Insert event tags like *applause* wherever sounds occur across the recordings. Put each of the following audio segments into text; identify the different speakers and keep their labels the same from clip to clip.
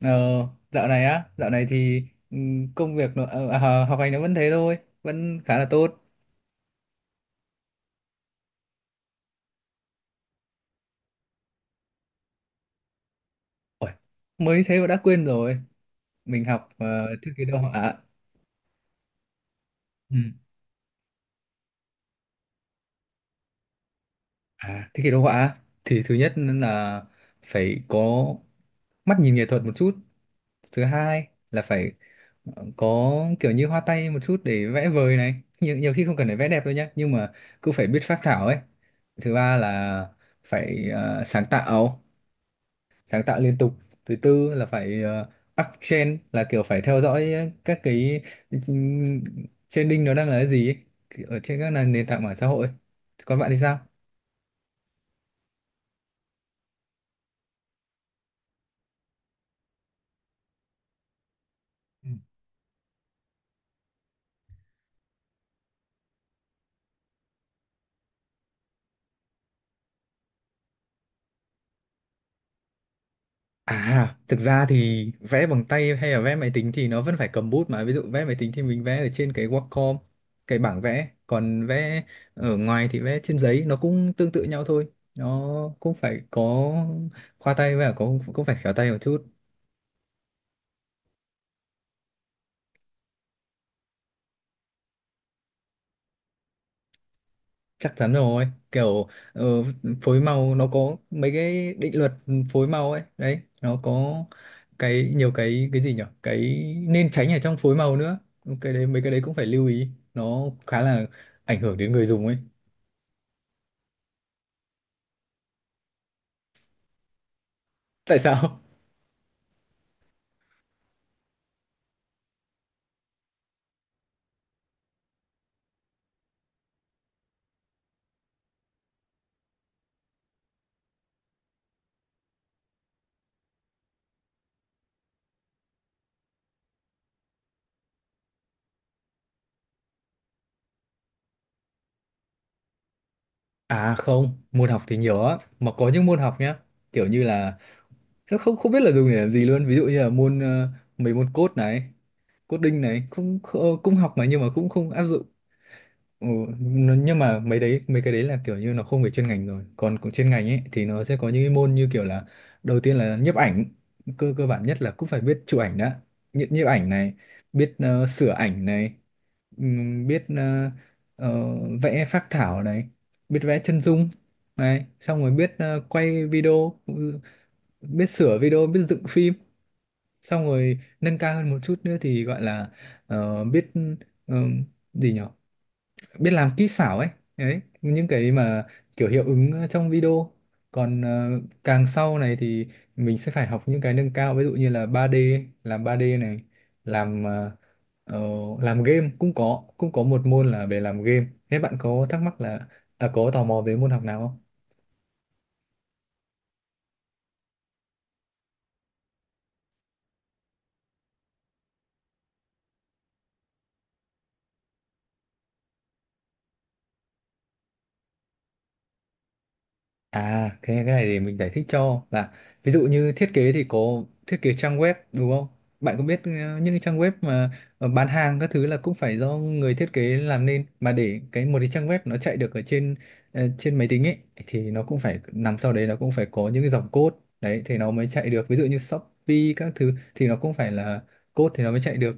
Speaker 1: Ờ, dạo này thì công việc nó, ờ, à, học hành nó vẫn thế thôi, vẫn khá là tốt. Ôi, mới thế mà đã quên rồi. Mình học thiết kế đồ họa. Ừ. À, thiết kế đồ họa thì thứ nhất là phải có mắt nhìn nghệ thuật một chút. Thứ hai là phải có kiểu như hoa tay một chút để vẽ vời này. Nhiều khi không cần phải vẽ đẹp đâu nhá, nhưng mà cứ phải biết phác thảo ấy. Thứ ba là phải sáng tạo. Sáng tạo liên tục. Thứ tư là phải uptrend, là kiểu phải theo dõi các cái ừm, trending nó đang là cái gì ấy, kiểu ở trên các nền nền tảng mạng xã hội. Còn bạn thì sao? Ừ. À thực ra thì vẽ bằng tay hay là vẽ máy tính thì nó vẫn phải cầm bút mà. Ví dụ vẽ máy tính thì mình vẽ ở trên cái Wacom, cái bảng vẽ. Còn vẽ ở ngoài thì vẽ trên giấy, nó cũng tương tự nhau thôi. Nó cũng phải có khoa tay, và có cũng phải khéo tay một chút. Chắc chắn rồi, kiểu ờ, phối màu nó có mấy cái định luật phối màu ấy đấy. Nó có cái, nhiều cái gì nhở, cái nên tránh ở trong phối màu nữa. Cái đấy, mấy cái đấy cũng phải lưu ý, nó khá là ảnh hưởng đến người dùng ấy. Tại sao? À không, môn học thì nhiều á, mà có những môn học nhá, kiểu như là nó không không biết là dùng để làm gì luôn. Ví dụ như là môn mấy môn code này, coding này, cũng cũng học mà, nhưng mà cũng không áp dụng. Ừ, nhưng mà mấy cái đấy là kiểu như nó không về chuyên ngành rồi. Còn cũng chuyên ngành ấy thì nó sẽ có những cái môn như kiểu là đầu tiên là nhiếp ảnh, cơ cơ bản nhất là cũng phải biết chụp ảnh đã. Nhiếp nhiếp ảnh này, biết sửa ảnh này, biết ờ, vẽ phác thảo này, biết vẽ chân dung này, xong rồi biết quay video, biết sửa video, biết dựng phim. Xong rồi nâng cao hơn một chút nữa thì gọi là biết ờ, gì nhỉ, biết làm kỹ xảo ấy. Đấy những cái mà kiểu hiệu ứng trong video. Còn càng sau này thì mình sẽ phải học những cái nâng cao, ví dụ như là 3D, làm 3D này, làm ờ, ờ, làm game. Cũng có một môn là về làm game. Thế bạn có thắc mắc là à, có tò mò về môn học nào không? À, cái này thì mình giải thích cho, là ví dụ như thiết kế thì có thiết kế trang web đúng không? Bạn có biết những cái trang web mà bán hàng các thứ là cũng phải do người thiết kế làm nên mà. Để cái một cái trang web nó chạy được ở trên trên máy tính ấy thì nó cũng phải nằm sau đấy, nó cũng phải có những cái dòng code. Đấy thì nó mới chạy được. Ví dụ như Shopee các thứ thì nó cũng phải là code thì nó mới chạy được.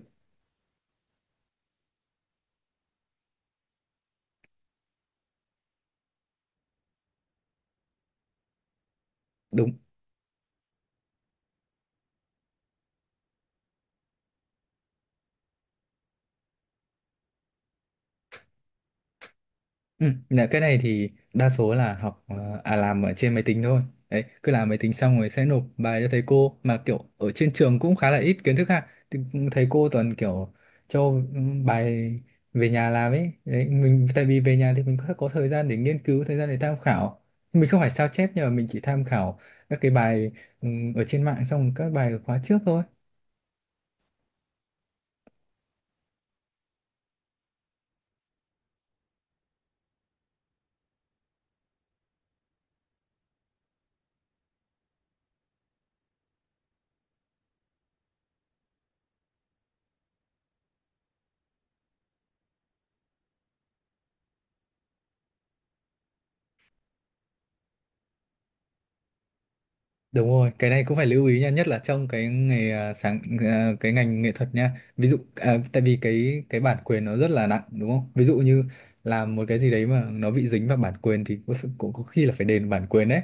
Speaker 1: Đúng. Ừ, dạ, cái này thì đa số là học làm ở trên máy tính thôi. Đấy, cứ làm máy tính xong rồi sẽ nộp bài cho thầy cô, mà kiểu ở trên trường cũng khá là ít kiến thức ha. Thì thầy cô toàn kiểu cho bài về nhà làm ấy. Đấy, mình tại vì về nhà thì mình có thời gian để nghiên cứu, thời gian để tham khảo. Mình không phải sao chép, nhưng mà mình chỉ tham khảo các cái bài ở trên mạng, xong rồi các bài ở khóa trước thôi. Đúng rồi, cái này cũng phải lưu ý nha, nhất là trong cái nghề à, sáng à, cái ngành nghệ thuật nha. Ví dụ tại vì cái bản quyền nó rất là nặng đúng không? Ví dụ như làm một cái gì đấy mà nó bị dính vào bản quyền thì có sự cũng có khi là phải đền bản quyền đấy.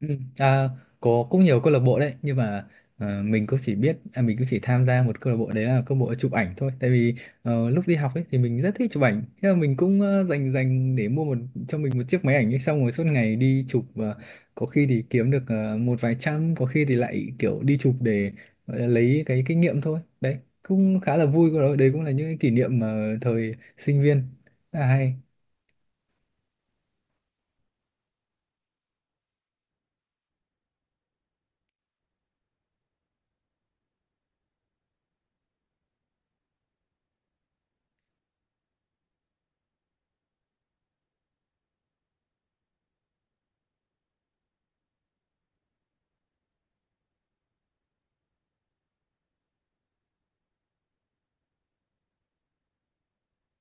Speaker 1: Ừ. À, có cũng nhiều câu lạc bộ đấy, nhưng mà mình cũng chỉ tham gia một câu lạc bộ, đấy là câu lạc bộ chụp ảnh thôi. Tại vì lúc đi học ấy thì mình rất thích chụp ảnh, thế là mình cũng dành dành để mua một, cho mình một chiếc máy ảnh ấy, xong rồi suốt ngày đi chụp. Và có khi thì kiếm được một vài trăm, có khi thì lại kiểu đi chụp để gọi là lấy cái kinh nghiệm thôi. Đấy cũng khá là vui của nó, đấy cũng là những cái kỷ niệm mà thời sinh viên rất là hay.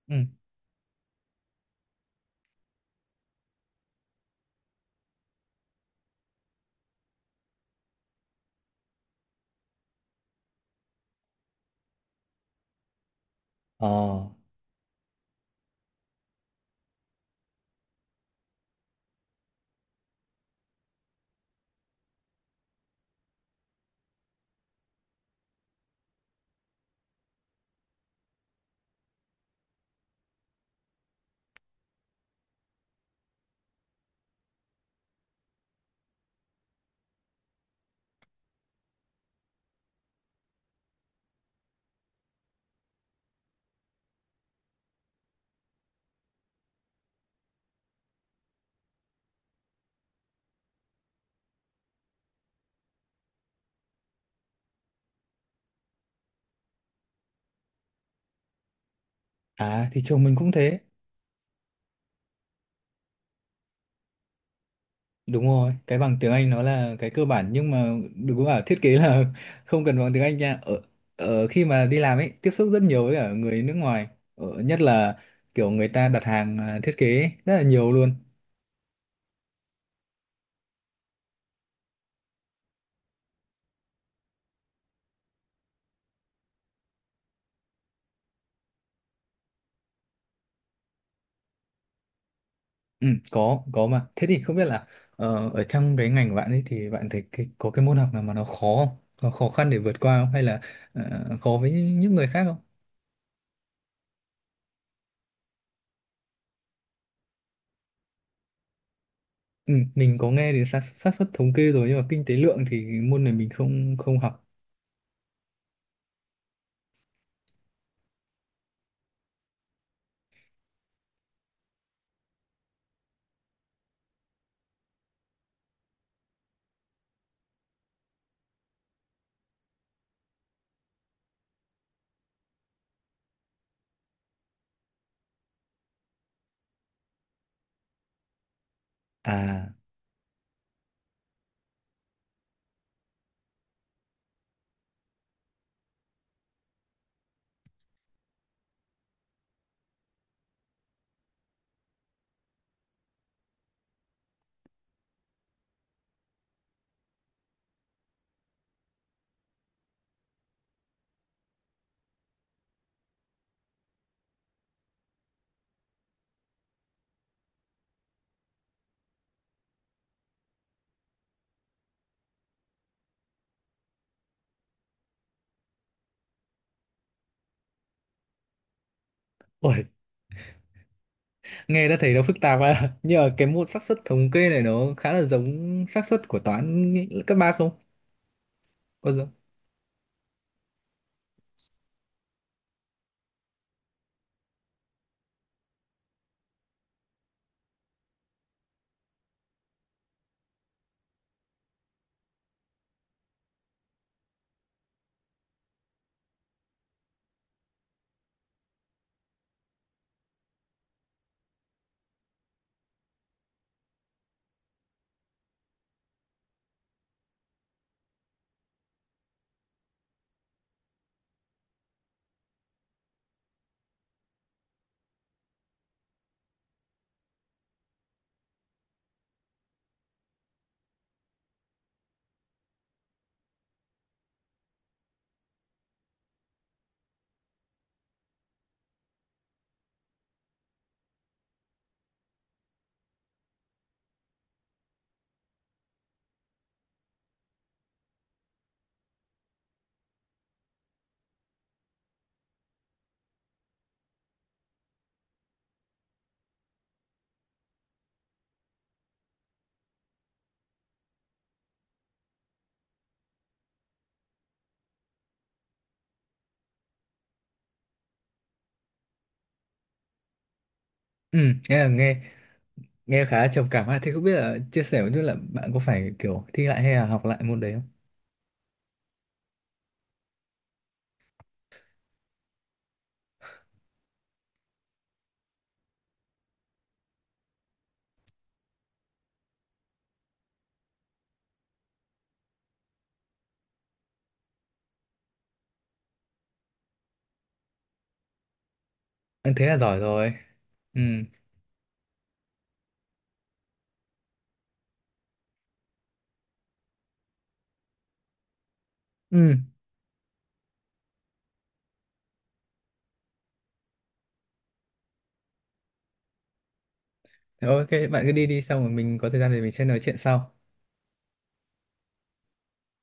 Speaker 1: Ừ. ờ à thì trường mình cũng thế. Đúng rồi, cái bằng tiếng Anh nó là cái cơ bản, nhưng mà đừng có bảo thiết kế là *laughs* không cần bằng tiếng Anh nha. Ở khi mà đi làm ấy, tiếp xúc rất nhiều với cả người nước ngoài, nhất là kiểu người ta đặt hàng thiết kế ấy, rất là nhiều luôn. Ừ, có mà. Thế thì không biết là ở trong cái ngành của bạn ấy thì bạn thấy có cái môn học nào mà nó khó không? Nó khó khăn để vượt qua không? Hay là khó với những người khác không? Ừ, mình có nghe đến xác xác suất thống kê rồi, nhưng mà kinh tế lượng thì môn này mình không không học. À. Ôi, nghe đã thấy nó phức tạp à *laughs* nhưng mà cái môn xác suất thống kê này nó khá là giống xác suất của toán cấp ba không? Có giống. Ừ. nghe là nghe nghe khá là trầm cảm ha. Thế không biết là chia sẻ một chút là bạn có phải kiểu thi lại hay là học lại môn đấy không? Ừ, thế là giỏi rồi. Ừ, ừ. Thế ok, bạn cứ đi đi, xong rồi mình có thời gian thì mình sẽ nói chuyện sau.